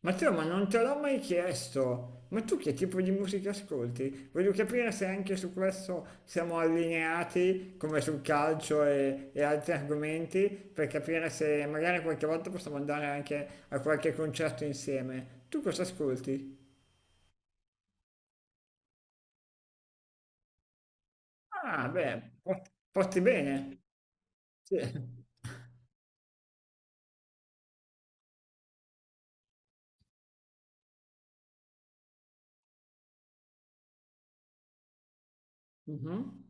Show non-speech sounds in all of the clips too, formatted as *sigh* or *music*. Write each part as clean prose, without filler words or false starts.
Matteo, ma non te l'ho mai chiesto, ma tu che tipo di musica ascolti? Voglio capire se anche su questo siamo allineati, come sul calcio e altri argomenti, per capire se magari qualche volta possiamo andare anche a qualche concerto insieme. Tu cosa ascolti? Ah, beh, porti bene. Sì. *laughs* Mhm.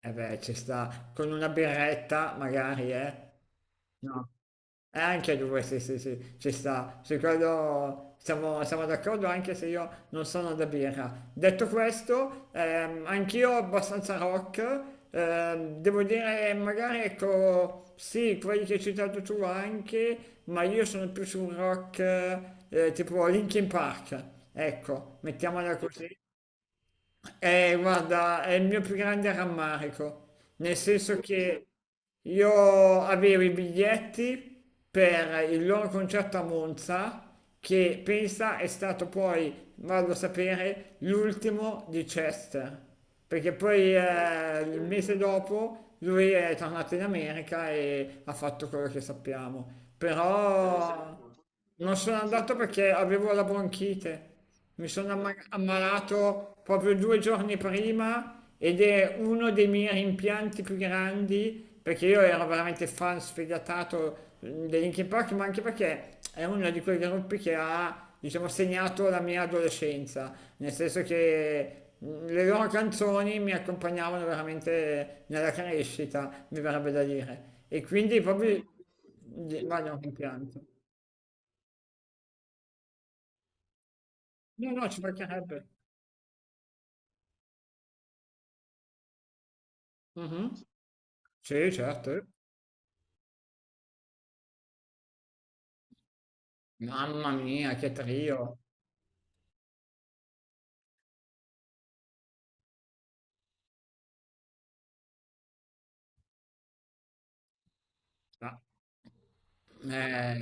Eh beh, ci sta. Con una birretta, magari, eh? No. Anche due, sì, sì, sì, ci sta. Su quello siamo d'accordo, anche se io non sono da birra. Detto questo, anch'io abbastanza rock. Devo dire, magari, ecco, sì, quelli che hai citato tu anche, ma io sono più su un rock tipo Linkin Park. Ecco, mettiamola così. Guarda, è il mio più grande rammarico, nel senso che io avevo i biglietti per il loro concerto a Monza, che pensa è stato poi, vado a sapere, l'ultimo di Chester, perché poi il mese dopo lui è tornato in America e ha fatto quello che sappiamo, però... Non sono andato perché avevo la bronchite. Mi sono ammalato proprio due giorni prima ed è uno dei miei rimpianti più grandi perché io ero veramente fan sfegatato dei Linkin Park, ma anche perché è uno di quei gruppi che ha, diciamo, segnato la mia adolescenza, nel senso che le loro canzoni mi accompagnavano veramente nella crescita, mi verrebbe da dire. E quindi proprio... Vado un rimpianto. No, no, ci mancherebbe. Mh-mh. Sì, certo, eh. Mamma mia, che trio. Ma eh,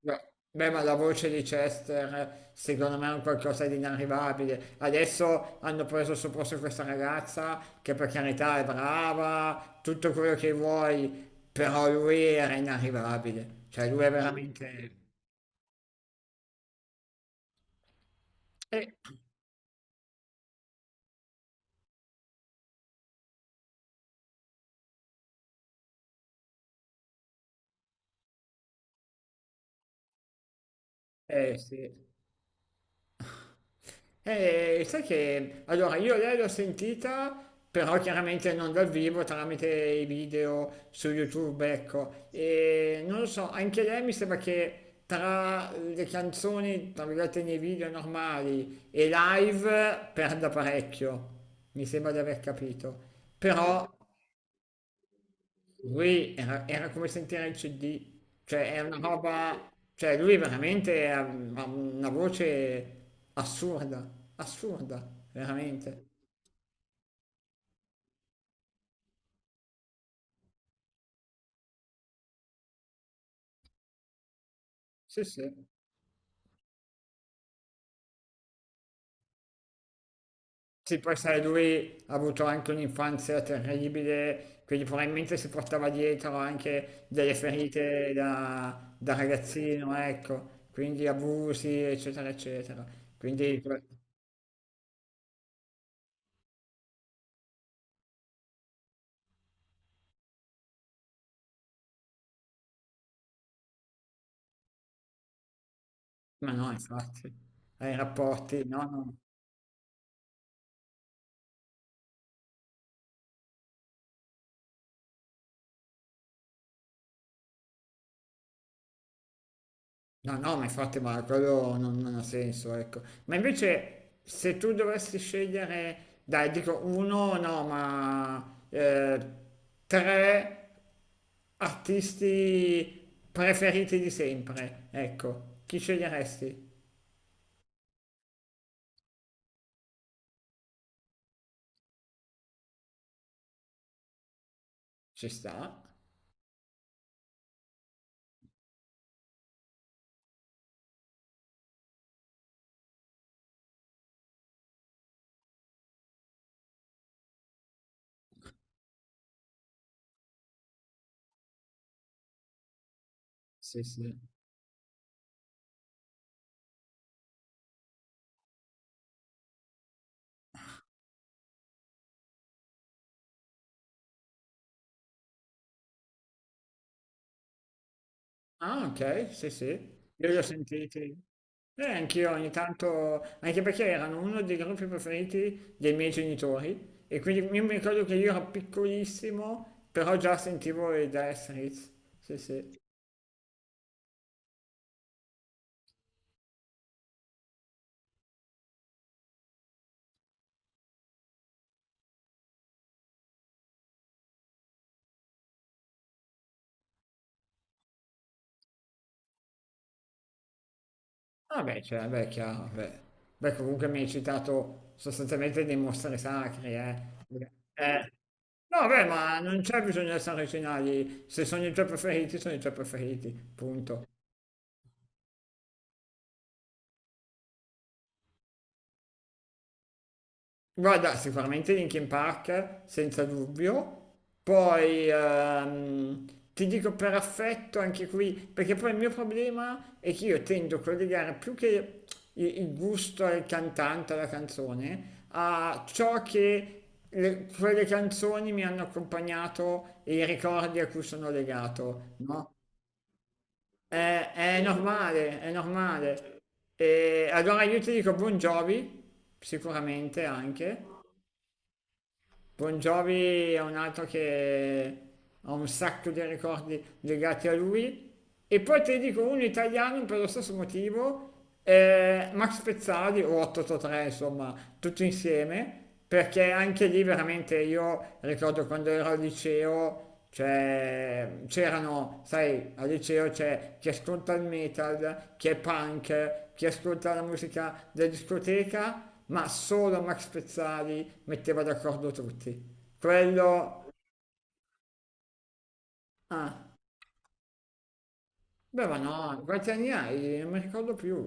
ma la voce di Chester secondo me è un qualcosa di inarrivabile. Adesso hanno preso sul posto questa ragazza che per carità è brava, tutto quello che vuoi, però lui era inarrivabile. Cioè lui è veramente... Eh, eh sì. Sai che allora io lei l'ho sentita, però chiaramente non dal vivo, tramite i video su YouTube, ecco. E non lo so, anche lei mi sembra che tra le canzoni, tra virgolette, nei video normali e live perda parecchio, mi sembra di aver capito. Mm. Però lui era come sentire il CD, cioè è una roba, cioè lui veramente ha una voce assurda, assurda, veramente. Sì, sì. Sì, poi sai, lui ha avuto anche un'infanzia terribile, quindi probabilmente si portava dietro anche delle ferite da ragazzino, ecco, quindi abusi, eccetera, eccetera. Quindi, ma no, infatti, ai rapporti, no, no. No, no, ma infatti, ma quello non ha senso, ecco. Ma invece, se tu dovessi scegliere, dai, dico uno, no, tre artisti preferiti di sempre, ecco, chi sceglieresti? Ci sta? Sì, sì. Ah, ok, sì, sì. Io li ho sentiti. Anch'io ogni tanto, anche perché erano uno dei gruppi preferiti dei miei genitori e quindi io mi ricordo che io ero piccolissimo, però già sentivo i Dire Straits. Sì, sì. Ah beh, cioè, beh, è chiaro, beh. Beh, comunque mi hai citato sostanzialmente dei mostri sacri, eh. Eh, no, beh, ma non c'è bisogno di essere originali, se sono i tuoi preferiti, sono i tuoi preferiti, punto. Guarda, sicuramente Linkin Park, senza dubbio. Poi ti dico per affetto anche qui, perché poi il mio problema è che io tendo a collegare più che il gusto al cantante, alla canzone, a ciò che quelle canzoni mi hanno accompagnato e i ricordi a cui sono legato, no? È normale, è normale. E allora io ti dico Bon Jovi, sicuramente anche. Bon Jovi è un altro che ha un sacco di ricordi legati a lui. E poi ti dico un italiano per lo stesso motivo, Max Pezzali o 883, insomma, tutti insieme, perché anche lì veramente io ricordo quando ero al liceo, cioè, c'erano, sai, al liceo c'è chi ascolta il metal, chi è punk, chi ascolta la musica da discoteca ma solo Max Pezzali metteva d'accordo tutti. Quello... Ah, beh, ma no, quanti anni hai? Non mi ricordo più.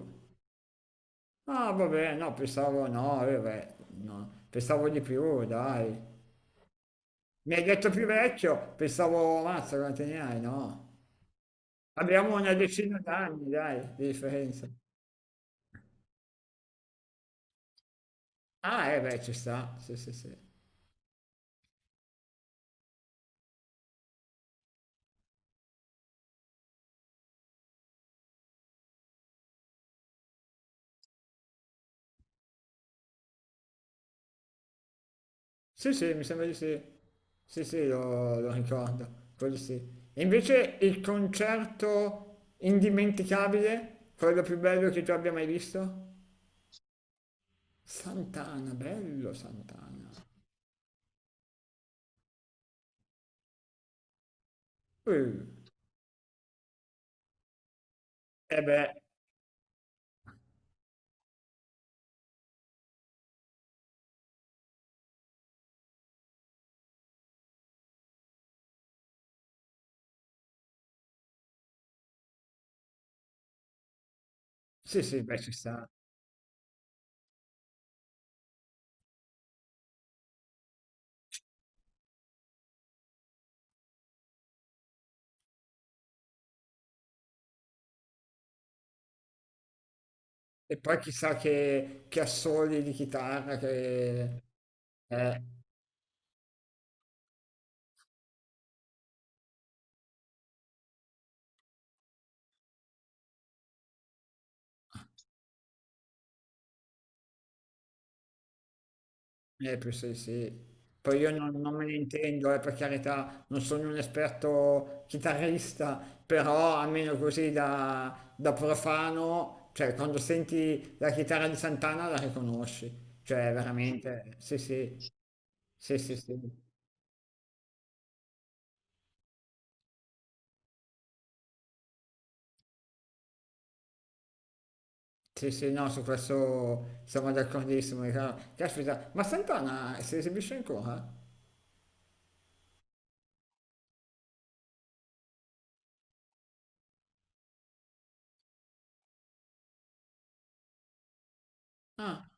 Ah, vabbè, no, pensavo no, vabbè, no, pensavo di più, dai. Mi hai detto più vecchio, pensavo, mazza, quanti anni hai? No. Abbiamo una decina d'anni, dai, di differenza. Ah, eh beh, ci sta, sì, sì, sì. Sì, sì, mi sembra di sì. Sì, sì, lo ricordo, quello sì. E invece il concerto indimenticabile, quello più bello che tu abbia mai visto? Santana, bello Santana. Uh, eh beh, sì, sì, beh, ci sta. E poi chissà che assoli di chitarra che... eh, eh, più sì, sì. Poi io non me ne intendo, per carità, non sono un esperto chitarrista, però almeno così da profano, cioè quando senti la chitarra di Santana la riconosci, cioè veramente, sì, sì, sì, sì, sì, sì, sì, no, su questo siamo d'accordissimo. È chiaro. Caspita, ma Santana si esibisce ancora? Ah.